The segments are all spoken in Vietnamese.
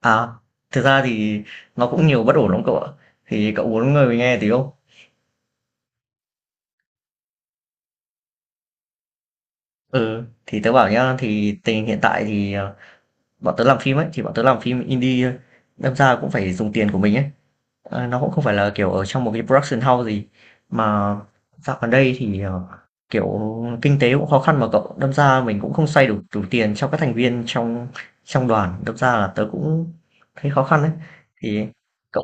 À, thực ra thì nó cũng nhiều bất ổn lắm cậu ạ. Thì cậu muốn người nghe tí không? Ừ, thì tớ bảo nhá, thì tình hình hiện tại thì bọn tớ làm phim ấy, thì bọn tớ làm phim indie thôi. Đâm ra cũng phải dùng tiền của mình ấy. Nó cũng không phải là kiểu ở trong một cái production house gì. Mà dạo gần đây thì kiểu kinh tế cũng khó khăn mà cậu. Đâm ra mình cũng không xoay đủ đủ tiền cho các thành viên trong trong đoàn. Đâm ra là tớ cũng thấy khó khăn đấy. Thì cậu...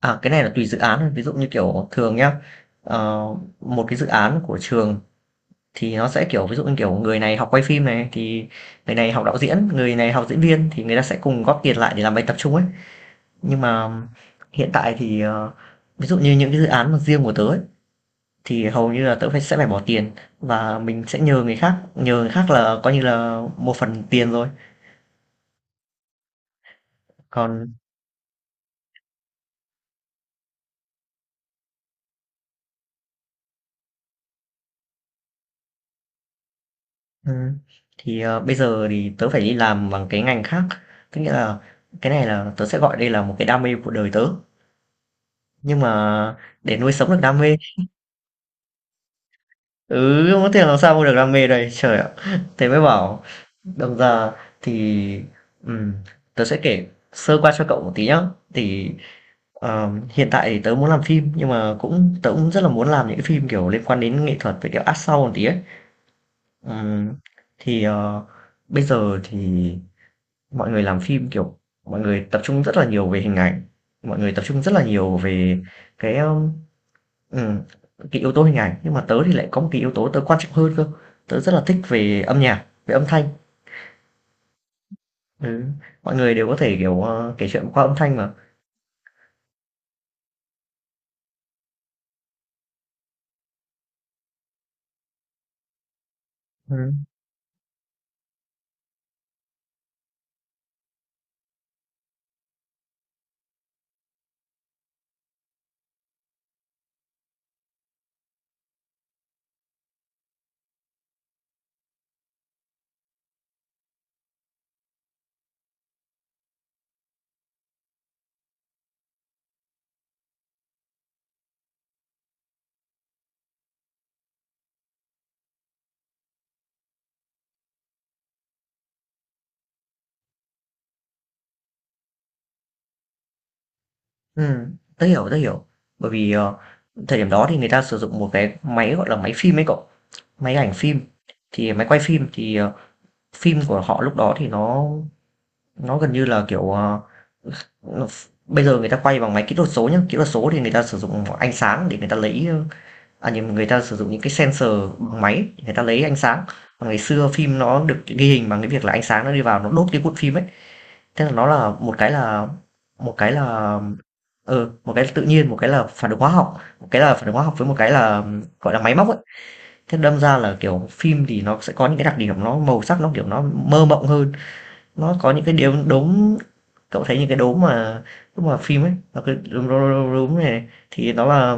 À, cái này là tùy dự án thôi. Ví dụ như, kiểu, thường nhá, ờ, một cái dự án của trường thì nó sẽ, kiểu, ví dụ như, kiểu, người này học quay phim này, thì người này học đạo diễn, người này học diễn viên thì người ta sẽ cùng góp tiền lại để làm bài tập chung ấy. Nhưng mà hiện tại thì, ví dụ như những cái dự án mà riêng của tớ ấy, thì hầu như là tớ sẽ phải bỏ tiền và mình sẽ nhờ người khác là coi như là một phần tiền rồi. Còn... Ừ. Thì bây giờ thì tớ phải đi làm bằng cái ngành khác. Tức nghĩa là cái này là tớ sẽ gọi đây là một cái đam mê của đời tớ. Nhưng mà để nuôi sống được đam mê... Ừ, không có tiền làm sao mua được đam mê đây Trời ạ, thế mới bảo đồng ra thì ừm, tớ sẽ kể sơ qua cho cậu một tí nhá. Thì hiện tại thì tớ muốn làm phim. Nhưng mà tớ cũng rất là muốn làm những cái phim kiểu liên quan đến nghệ thuật, với kiểu art sau một tí ấy. Ừm, Thì bây giờ thì mọi người làm phim, kiểu, mọi người tập trung rất là nhiều về hình ảnh, mọi người tập trung rất là nhiều về cái, a ừm, cái yếu tố hình ảnh, nhưng mà tớ thì lại có một cái yếu tố tớ quan trọng hơn cơ, tớ rất là thích về âm nhạc, về âm thanh. Ừ, mọi người đều có thể, kiểu, kể chuyện qua âm thanh mà. Ừm, tớ hiểu, tớ hiểu. Bởi vì, thời điểm đó thì người ta sử dụng một cái máy, gọi là, máy phim ấy cậu, máy ảnh phim, thì máy quay phim thì, phim của họ lúc đó thì nó gần như là, kiểu, ờ bây giờ người ta quay bằng máy kỹ thuật số nhé. Kỹ thuật số thì người ta sử dụng ánh sáng để người ta lấy, à nhầm, người ta sử dụng những cái sensor bằng máy, người ta lấy ánh sáng. Còn ngày xưa phim nó được ghi hình bằng cái việc là ánh sáng nó đi vào nó đốt cái cuộn phim ấy. Thế là nó là ừ, một cái là tự nhiên, một cái là phản ứng hóa học, một cái là phản ứng hóa học với một cái là gọi là máy móc ấy. Thế đâm ra là kiểu phim thì nó sẽ có những cái đặc điểm, nó màu sắc nó kiểu nó mơ mộng hơn, nó có những cái điều đốm. Cậu thấy những cái đốm mà lúc mà phim ấy, nó cái đúm, đúm, đúm, đúm này thì nó là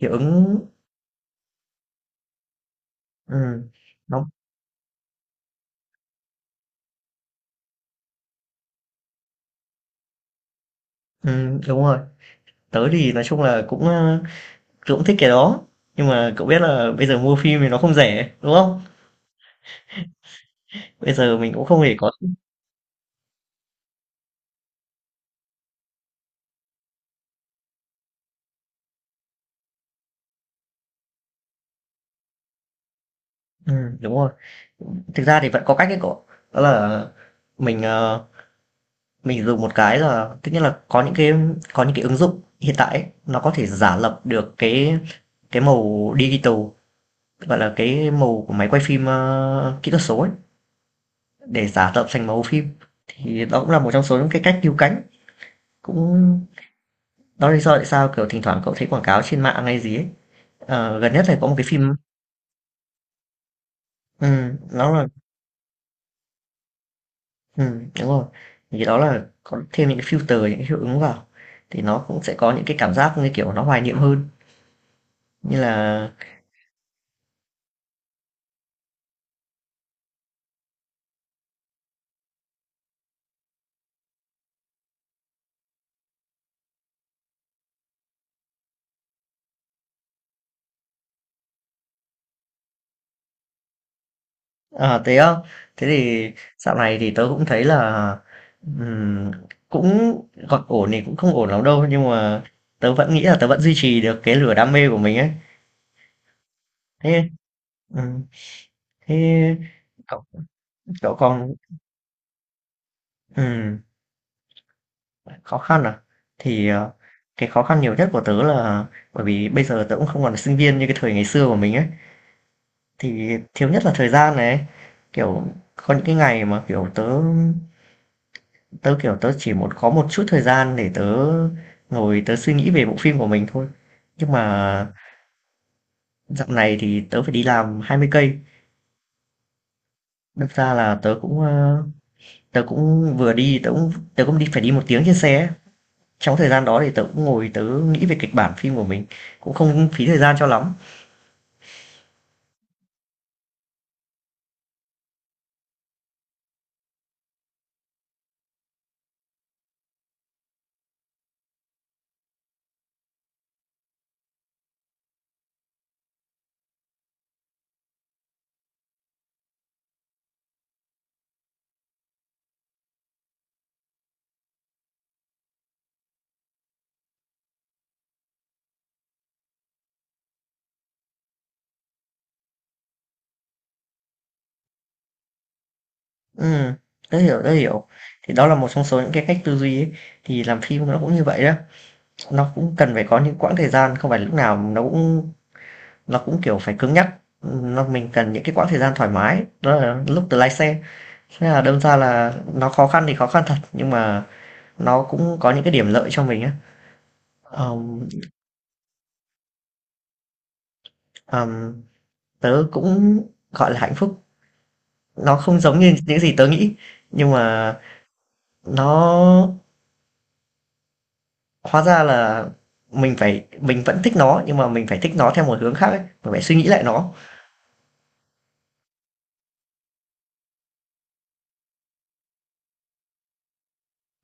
hiệu ứng. ừm, nó... đúng rồi. Tớ thì nói chung là cũng, tớ cũng thích cái đó, nhưng mà cậu biết là bây giờ mua phim thì nó không rẻ, đúng không? Bây giờ mình cũng không hề có... đúng rồi. Thực ra thì vẫn có cách đấy cậu, đó là mình, mình dùng một cái là tất nhiên là có những cái, có những cái ứng dụng hiện tại ấy, nó có thể giả lập được cái màu digital, gọi là cái màu của máy quay phim kỹ thuật số ấy, để giả tạo thành màu phim. Thì đó cũng là một trong số những cái cách cứu cánh, cũng đó là lý do tại sao kiểu thỉnh thoảng cậu thấy quảng cáo trên mạng hay gì ấy. Gần nhất là có một cái phim... ừ, nó là ừ, đúng rồi, thì đó là có thêm những cái filter, những cái hiệu ứng vào thì nó cũng sẽ có những cái cảm giác như kiểu nó hoài niệm hơn, như là... À, thế á? Thế thì dạo này thì tớ cũng thấy là ừm, cũng gọi ổn thì cũng không ổn lắm đâu, nhưng mà tớ vẫn nghĩ là tớ vẫn duy trì được cái lửa đam mê của mình ấy. Thế ừm, thế cậu cậu còn ừm, khó khăn à? Thì cái khó khăn nhiều nhất của tớ là bởi vì bây giờ tớ cũng không còn là sinh viên như cái thời ngày xưa của mình ấy, thì thiếu nhất là thời gian này ấy. Kiểu có những cái ngày mà kiểu tớ... Tớ, kiểu, tớ chỉ có một chút thời gian để tớ ngồi tớ suy nghĩ về bộ phim của mình thôi. Nhưng mà dạo này thì tớ phải đi làm 20 cây, đâm ra là tớ cũng, tớ cũng vừa đi tớ cũng đi phải đi một tiếng trên xe ấy. Trong thời gian đó thì tớ cũng ngồi tớ nghĩ về kịch bản phim của mình, cũng không phí thời gian cho lắm. Ừm, tớ hiểu, tớ hiểu. Thì đó là một trong số những cái cách tư duy ấy, thì làm phim nó cũng như vậy đó, nó cũng cần phải có những quãng thời gian, không phải lúc nào nó cũng kiểu phải cứng nhắc, nó mình cần những cái quãng thời gian thoải mái, đó là lúc từ lái xe. Thế là đâm ra là nó khó khăn thì khó khăn thật, nhưng mà nó cũng có những cái điểm lợi cho mình á. Ờm, ờm, tớ cũng gọi là hạnh phúc. Nó không giống như những gì tớ nghĩ, nhưng mà nó hóa ra là mình vẫn thích nó, nhưng mà mình phải thích nó theo một hướng khác ấy, mình phải suy nghĩ lại nó.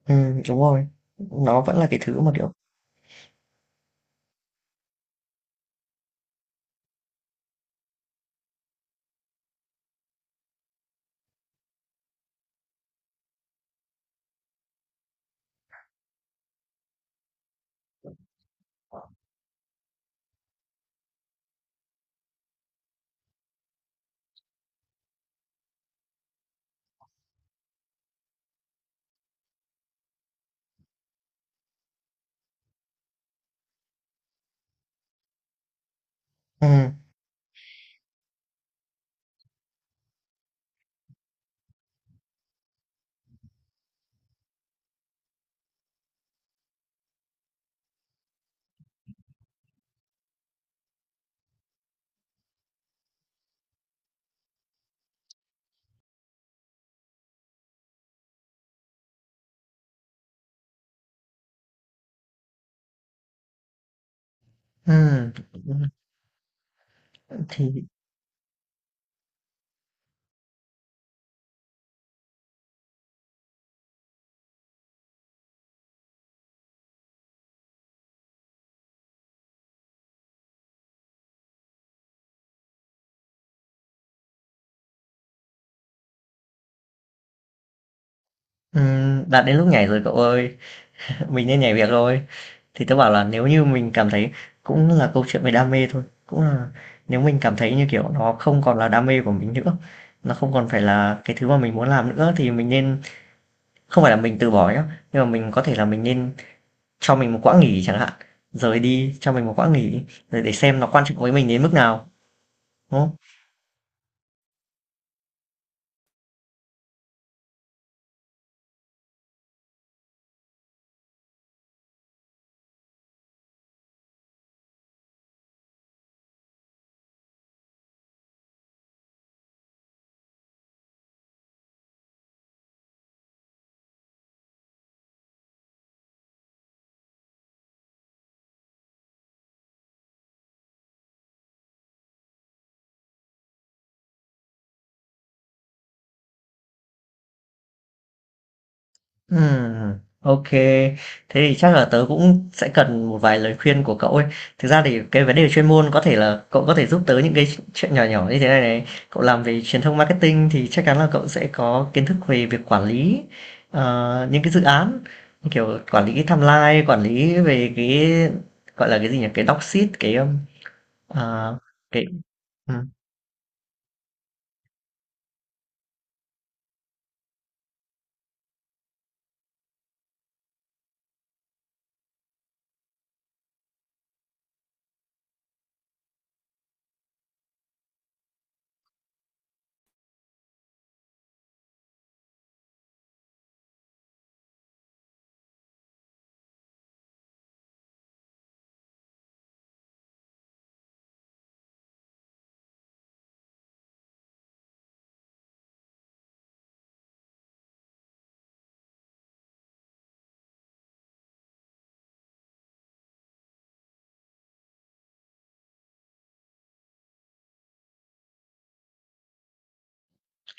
Ừ, đúng rồi, nó vẫn là cái thứ mà kiểu... Ừ, ừ, thì... đã đến lúc nhảy rồi cậu ơi, mình nên nhảy việc rồi. Thì tớ bảo là nếu như mình cảm thấy, cũng là câu chuyện về đam mê thôi, cũng là nếu mình cảm thấy như kiểu nó không còn là đam mê của mình nữa, nó không còn phải là cái thứ mà mình muốn làm nữa, thì mình nên... không phải là mình từ bỏ nhá, nhưng mà mình có thể là mình nên cho mình một quãng nghỉ chẳng hạn, rời đi cho mình một quãng nghỉ rồi để xem nó quan trọng với mình đến mức nào, đúng không? Ô. Thế thì chắc là tớ cũng sẽ cần một vài lời khuyên của cậu ấy. Thực ra thì cái vấn đề chuyên môn có thể là cậu có thể giúp tớ những cái chuyện nhỏ nhỏ như thế này này. Cậu làm về truyền thông marketing thì chắc chắn là cậu sẽ có kiến thức về việc quản lý, những cái dự án, như kiểu, quản lý timeline, quản lý về cái, gọi là, cái gì nhỉ? Cái doc sheet cái, ờ, cái ừm,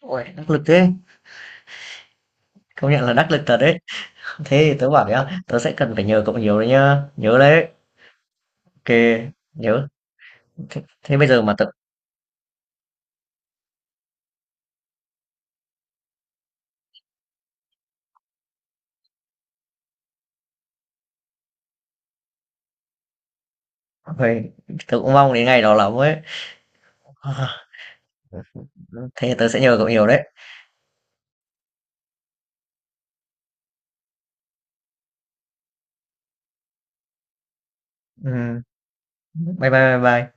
uầy, đắc lực thế, công nhận là đắc lực thật đấy. Thế thì tớ bảo nhá, tớ sẽ cần phải nhờ cậu nhiều đấy nhá, nhớ đấy. Ok, nhớ thế, thế bây giờ mà tớ... ôi, tớ cũng mong đến ngày đó lắm ấy. Thế tớ sẽ nhờ cậu nhiều đấy. Ừ. Bye bye bye bye.